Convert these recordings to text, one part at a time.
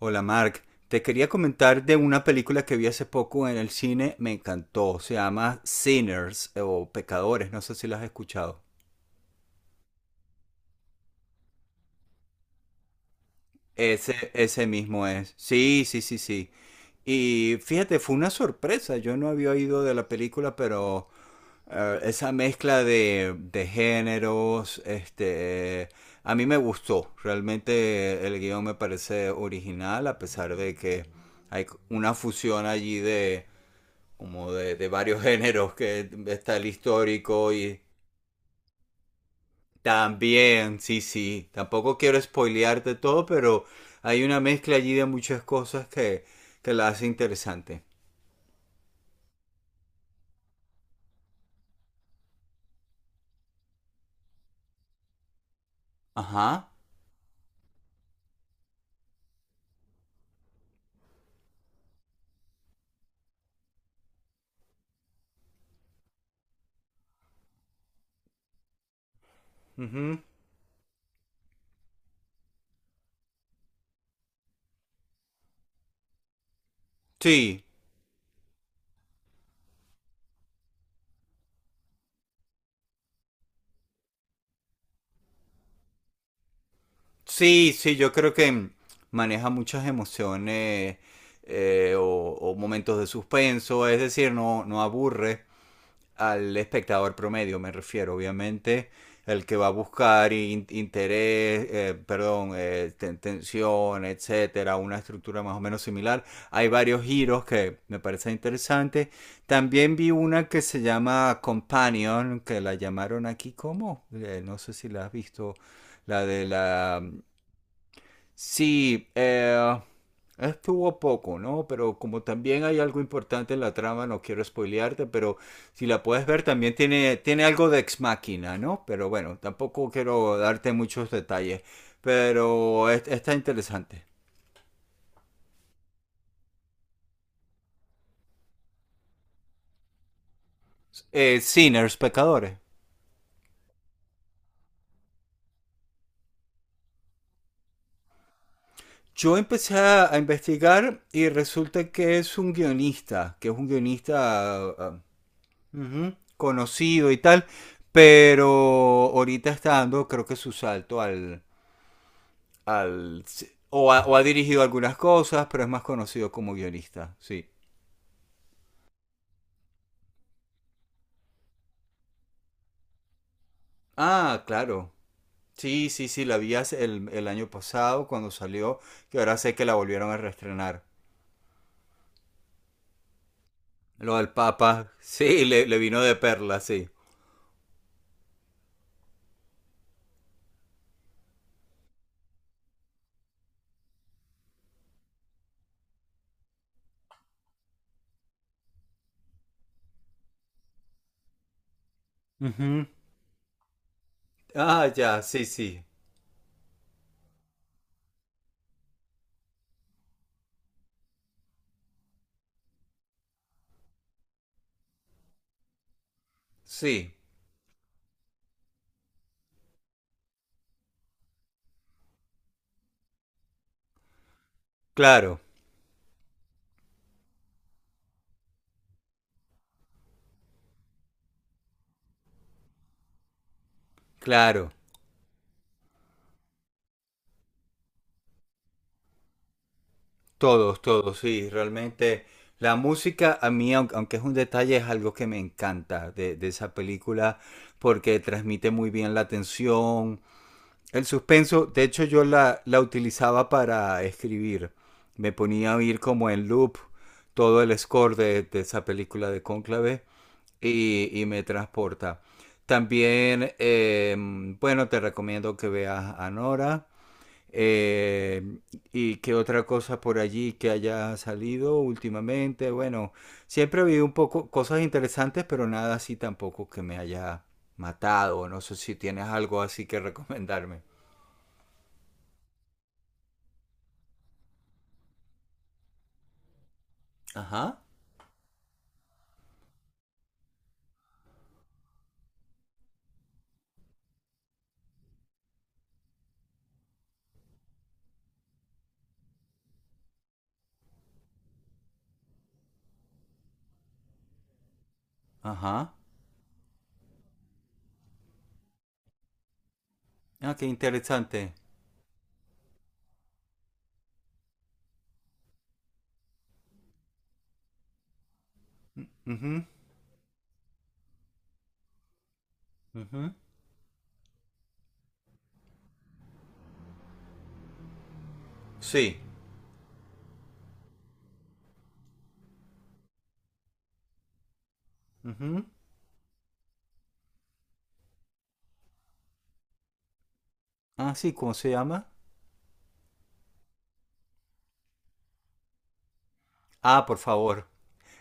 Hola Mark, te quería comentar de una película que vi hace poco en el cine, me encantó, se llama Sinners o Pecadores, no sé si la has escuchado. Ese mismo es, sí, sí, sí, sí. Y fíjate, fue una sorpresa, yo no había oído de la película, pero esa mezcla de géneros, este, a mí me gustó, realmente el guión me parece original, a pesar de que hay una fusión allí de como de varios géneros, que está el histórico y también, sí, sí, tampoco quiero spoilearte todo, pero hay una mezcla allí de muchas cosas que la hace interesante. Ajá. Ujú. Sí, sí, sí, yo creo que maneja muchas emociones o momentos de suspenso, es decir, no, no aburre al espectador promedio, me refiero, obviamente, el que va a buscar interés, perdón, tensión, etcétera, una estructura más o menos similar. Hay varios giros que me parecen interesantes. También vi una que se llama Companion, que la llamaron aquí como, no sé si la has visto, la de la, sí, estuvo poco, ¿no? Pero como también hay algo importante en la trama, no quiero spoilearte, pero si la puedes ver también tiene algo de ex máquina, ¿no? Pero bueno, tampoco quiero darte muchos detalles, pero está interesante. Sinners, pecadores. Yo empecé a investigar y resulta que es un guionista, que es un guionista ujú, conocido y tal, pero ahorita está dando creo que su salto al, al o ha dirigido algunas cosas, pero es más conocido como guionista, sí. Ah, claro. Sí, sí, sí, la vi el año pasado cuando salió, que ahora sé que la volvieron a reestrenar. Lo del Papa, sí, le vino de perla, sí. Ujú. Ah, ya, sí, sí. Sí, claro, claro. Todos, todos, sí. Realmente la música a mí, aunque es un detalle, es algo que me encanta de esa película porque transmite muy bien la tensión, el suspenso. De hecho yo la utilizaba para escribir. Me ponía a oír como en loop todo el score de esa película de Cónclave y me transporta. También, bueno, te recomiendo que veas a Nora. eh, ¿Y qué otra cosa por allí que haya salido últimamente? Bueno, siempre ha habido un poco cosas interesantes, pero nada así tampoco que me haya matado. No sé si tienes algo así que recomendarme. Ajá, ajá. Ah, qué interesante. Ujú, ujú. Sí. Ujú. Ah, sí, ¿cómo se llama? Ah, por favor.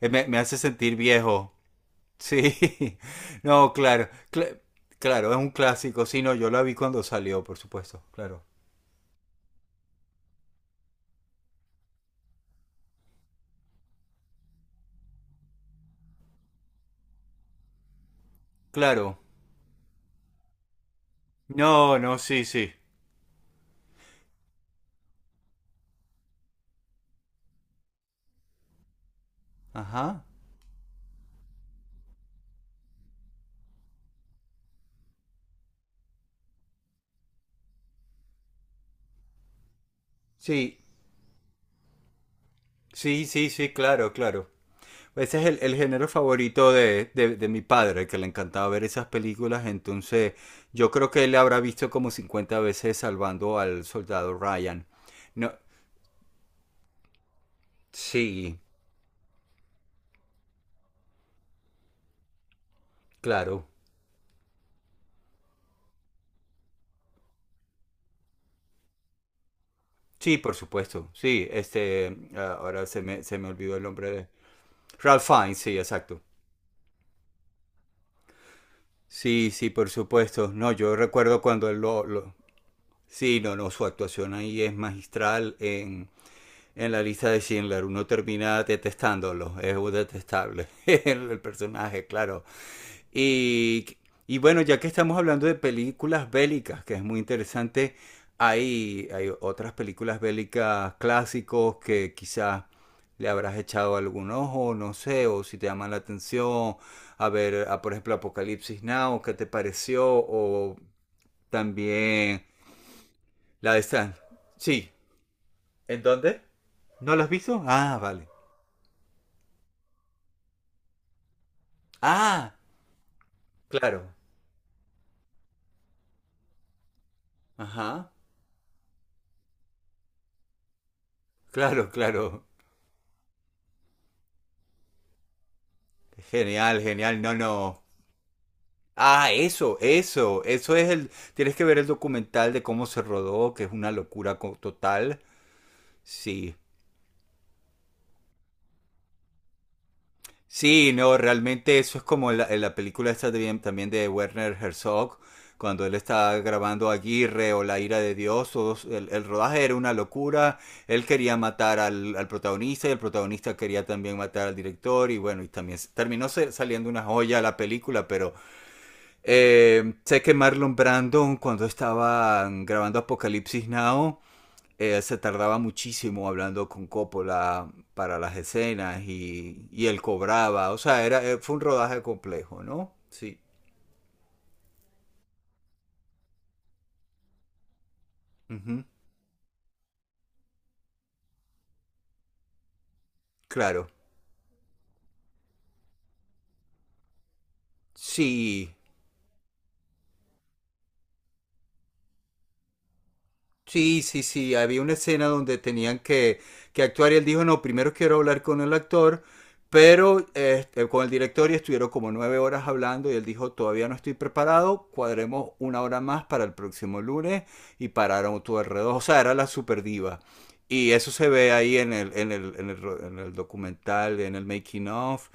Me hace sentir viejo. Sí. No, claro. Claro, es un clásico. Sí, no, yo la vi cuando salió, por supuesto. Claro. Claro. No, no, sí, sí. Ajá. Sí. Sí, sí, sí, claro, claro. Ese es el género favorito de mi padre, que le encantaba ver esas películas. Entonces, yo creo que él habrá visto como 50 veces Salvando al Soldado Ryan. No, sí, claro. Sí, por supuesto. Sí, este, ah, ahora se se me olvidó el nombre de... Ralph Fiennes, sí, exacto. Sí, sí, por supuesto. No, yo recuerdo cuando él lo- Sí, no, no, su actuación ahí es magistral en la lista de Schindler. Uno termina detestándolo, es un detestable el personaje, claro. Y, y bueno, ya que estamos hablando de películas bélicas, que es muy interesante, hay otras películas bélicas clásicos que quizás le habrás echado algún ojo, no sé, o si te llama la atención, a ver, a, por ejemplo, Apocalipsis Now, ¿qué te pareció? O también la de Stan. Sí, ¿en dónde? ¿No la has visto? Ah, vale. Ah, claro. Ajá. Claro, claro. Genial, genial. No, no. Ah, eso, eso. Eso es el... Tienes que ver el documental de cómo se rodó, que es una locura total. Sí. Sí, no, realmente eso es como en la película esta también de Werner Herzog, cuando él está grabando Aguirre o La ira de Dios, el rodaje era una locura, él quería matar al, al protagonista y el protagonista quería también matar al director y bueno, y también terminó saliendo una joya la película, pero sé que Marlon Brandon cuando estaban grabando Apocalipsis Now, se tardaba muchísimo hablando con Coppola para las escenas y él cobraba. O sea, era, fue un rodaje complejo, ¿no? Sí. Ujú. Claro. Sí. Sí, sí, sí, había una escena donde tenían que actuar y él dijo, no, primero quiero hablar con el actor, pero este, con el director y estuvieron como 9 horas hablando y él dijo, todavía no estoy preparado, cuadremos una hora más para el próximo lunes y pararon todo alrededor, o sea, era la super diva. Y eso se ve ahí en en el documental, en el making of.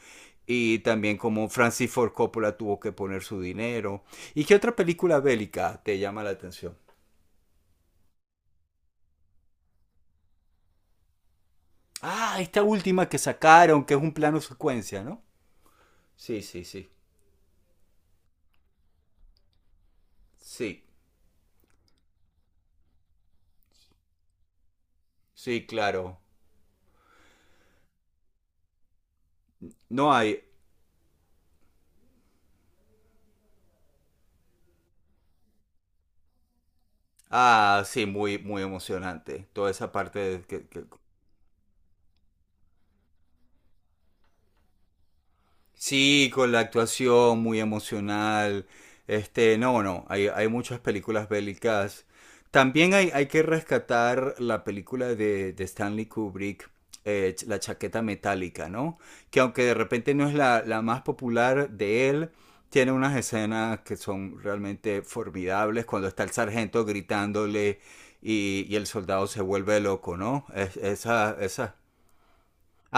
Y también como Francis Ford Coppola tuvo que poner su dinero. ¿Y qué otra película bélica te llama la atención? Ah, esta última que sacaron, que es un plano secuencia, ¿no? Sí, sí, sí. Sí, sí, claro. No hay. Ah, sí, muy, muy emocionante. Toda esa parte de que sí, con la actuación muy emocional. Este, no, no, hay muchas películas bélicas. También hay que rescatar la película de Stanley Kubrick, La chaqueta metálica, ¿no? Que aunque de repente no es la más popular de él, tiene unas escenas que son realmente formidables cuando está el sargento gritándole y el soldado se vuelve loco, ¿no? Es, esa, esas...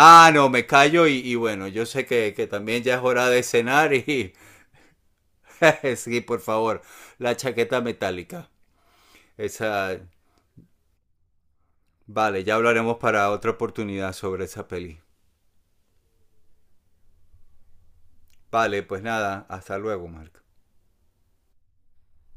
Ah, no, me callo y bueno, yo sé que también ya es hora de cenar y sí, por favor, la chaqueta metálica. Esa, vale, ya hablaremos para otra oportunidad sobre esa peli. Vale, pues nada, hasta luego, Marco.